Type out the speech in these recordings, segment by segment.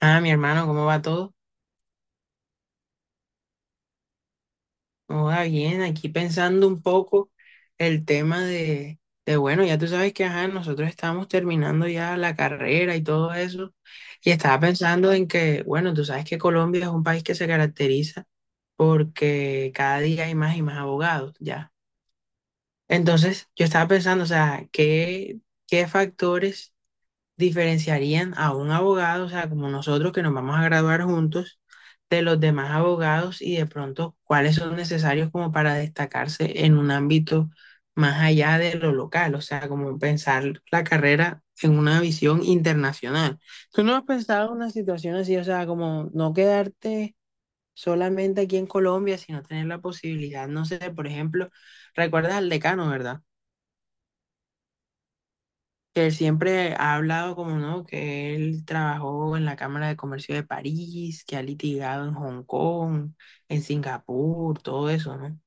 Ah, mi hermano, ¿cómo va todo? ¿Cómo va bien? Aquí pensando un poco el tema bueno, ya tú sabes que, ajá, nosotros estamos terminando ya la carrera y todo eso. Y estaba pensando en que, bueno, tú sabes que Colombia es un país que se caracteriza porque cada día hay más y más abogados, ya. Entonces, yo estaba pensando, o sea, ¿qué factores diferenciarían a un abogado? O sea, como nosotros que nos vamos a graduar juntos, de los demás abogados y de pronto cuáles son necesarios como para destacarse en un ámbito más allá de lo local, o sea, como pensar la carrera en una visión internacional. ¿Tú no has pensado una situación así? O sea, como no quedarte solamente aquí en Colombia, sino tener la posibilidad, no sé, por ejemplo, recuerdas al decano, ¿verdad? Que él siempre ha hablado como no, que él trabajó en la Cámara de Comercio de París, que ha litigado en Hong Kong, en Singapur, todo eso, ¿no?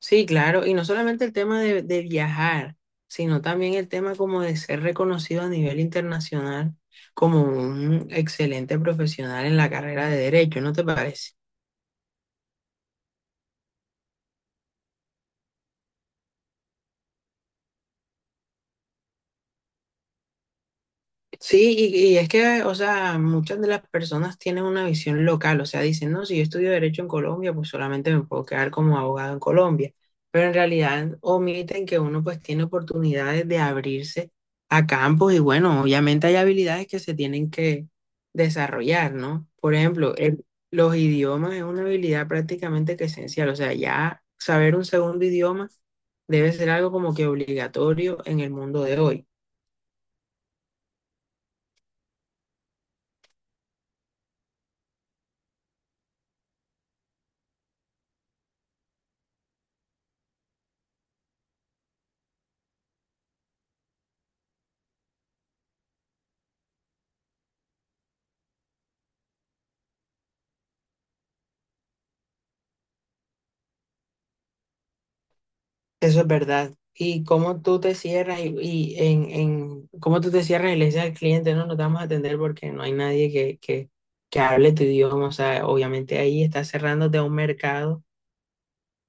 Sí, claro, y no solamente el tema de viajar, sino también el tema como de ser reconocido a nivel internacional como un excelente profesional en la carrera de derecho, ¿no te parece? Sí, y es que, o sea, muchas de las personas tienen una visión local, o sea, dicen, no, si yo estudio derecho en Colombia, pues solamente me puedo quedar como abogado en Colombia, pero en realidad omiten que uno pues tiene oportunidades de abrirse a campos y bueno, obviamente hay habilidades que se tienen que desarrollar, ¿no? Por ejemplo, los idiomas es una habilidad prácticamente que esencial, o sea, ya saber un segundo idioma debe ser algo como que obligatorio en el mundo de hoy. Eso es verdad. Y cómo tú te cierras y en cómo tú te cierras y le dices al cliente, no, no te vamos a atender porque no hay nadie que hable tu idioma. O sea, obviamente ahí estás cerrándote a un mercado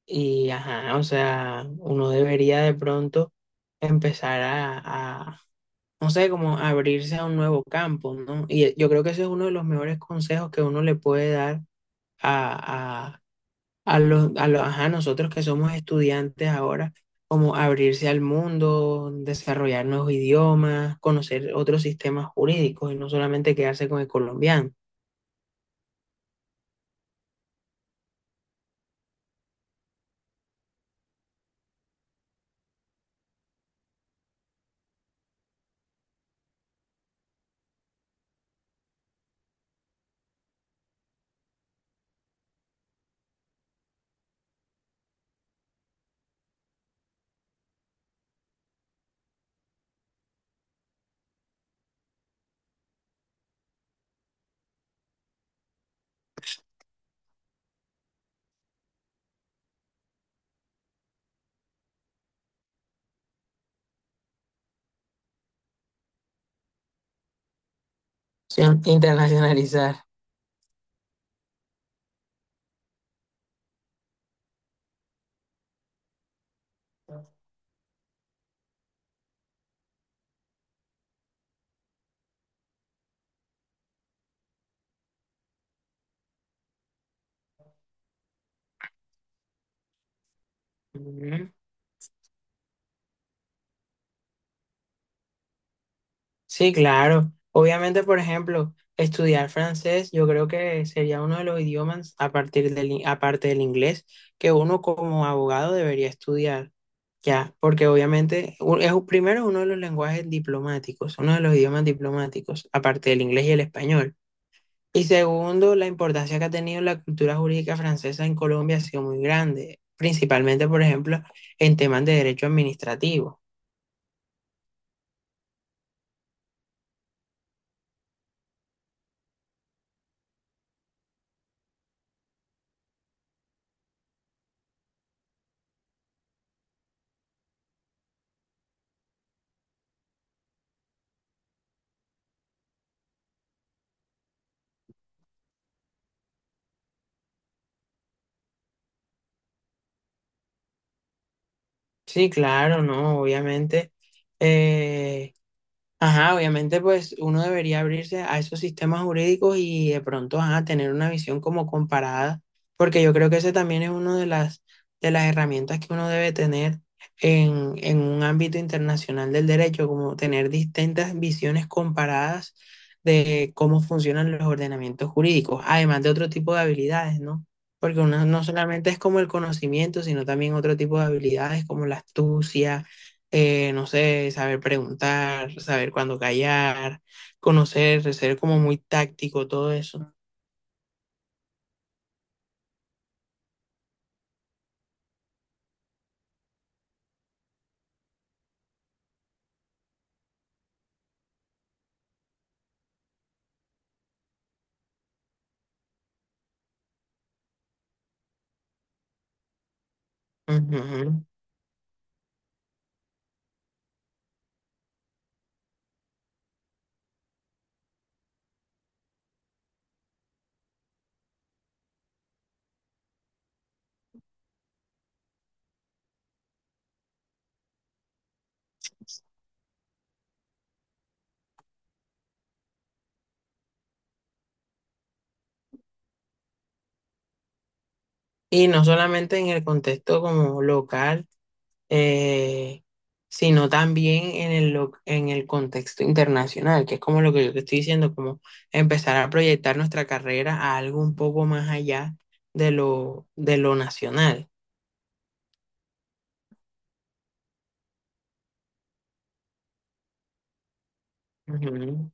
y, ajá, o sea, uno debería de pronto empezar a, no sé, como abrirse a un nuevo campo, ¿no? Y yo creo que ese es uno de los mejores consejos que uno le puede dar a, ajá, nosotros que somos estudiantes ahora, como abrirse al mundo, desarrollar nuevos idiomas, conocer otros sistemas jurídicos y no solamente quedarse con el colombiano, sino internacionalizar. Sí, claro. Obviamente, por ejemplo, estudiar francés, yo creo que sería uno de los idiomas a partir aparte del inglés que uno como abogado debería estudiar. Ya, porque obviamente primero uno de los lenguajes diplomáticos, uno de los idiomas diplomáticos, aparte del inglés y el español. Y segundo, la importancia que ha tenido la cultura jurídica francesa en Colombia ha sido muy grande, principalmente, por ejemplo, en temas de derecho administrativo. Sí, claro, no, obviamente. eh, Ajá, obviamente pues uno debería abrirse a esos sistemas jurídicos y de pronto ajá, tener una visión como comparada, porque yo creo que ese también es uno de de las herramientas que uno debe tener en un ámbito internacional del derecho, como tener distintas visiones comparadas de cómo funcionan los ordenamientos jurídicos, además de otro tipo de habilidades, ¿no? Porque uno no solamente es como el conocimiento, sino también otro tipo de habilidades como la astucia, no sé, saber preguntar, saber cuándo callar, conocer, ser como muy táctico, todo eso. Ujú. Y no solamente en el contexto como local, eh, sino también en el, en el contexto internacional, que es como lo que yo te estoy diciendo, como empezar a proyectar nuestra carrera a algo un poco más allá de lo nacional. Ujú.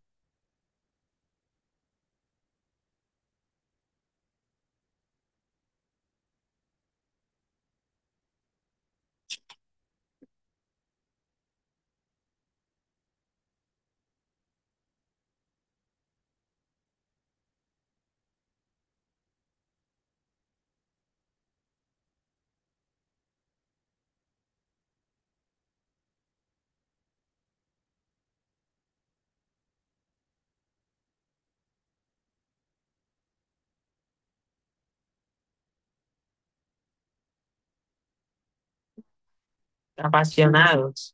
Apasionados,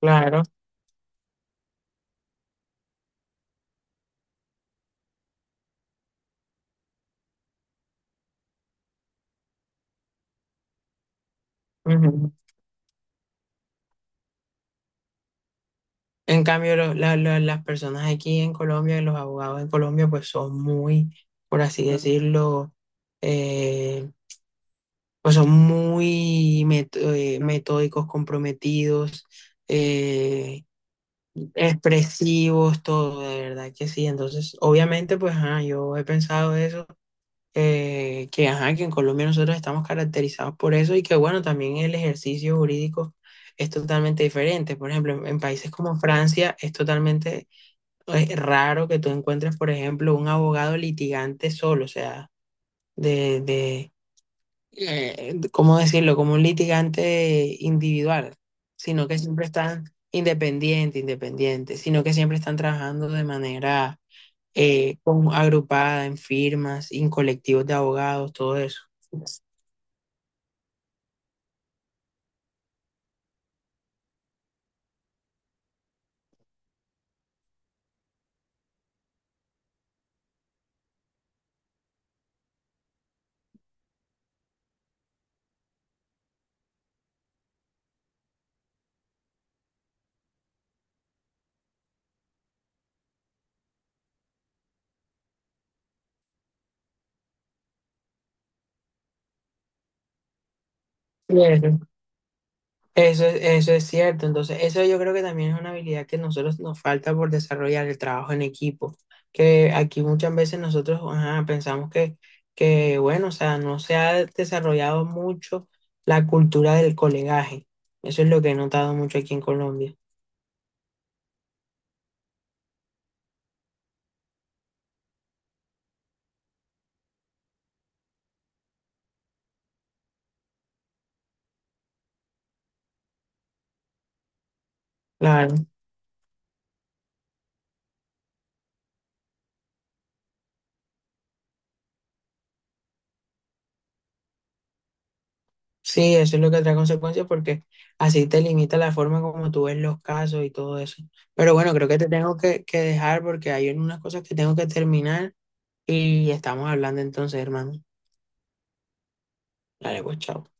claro. Ujú. En cambio, las personas aquí en Colombia, los abogados en Colombia, pues son muy, por así decirlo, eh, pues son muy metódicos, comprometidos, eh, expresivos, todo, de verdad que sí. Entonces, obviamente, pues ajá, yo he pensado eso, que ajá, que en Colombia nosotros estamos caracterizados por eso y que bueno, también el ejercicio jurídico es totalmente diferente. Por ejemplo, en países como Francia es totalmente, es raro que tú encuentres, por ejemplo, un abogado litigante solo, o sea, de, de, ¿cómo decirlo? Como un litigante individual, sino que siempre están sino que siempre están trabajando de manera agrupada en firmas, en colectivos de abogados, todo eso. Sí, eso es, eso es cierto. Entonces, eso yo creo que también es una habilidad que nosotros nos falta por desarrollar, el trabajo en equipo. Que aquí muchas veces nosotros ajá, pensamos bueno, o sea, no se ha desarrollado mucho la cultura del colegaje. Eso es lo que he notado mucho aquí en Colombia. Claro. Sí, eso es lo que trae consecuencias porque así te limita la forma como tú ves los casos y todo eso. Pero bueno, creo que te tengo que dejar porque hay unas cosas que tengo que terminar y estamos hablando entonces, hermano. Dale, pues, chao.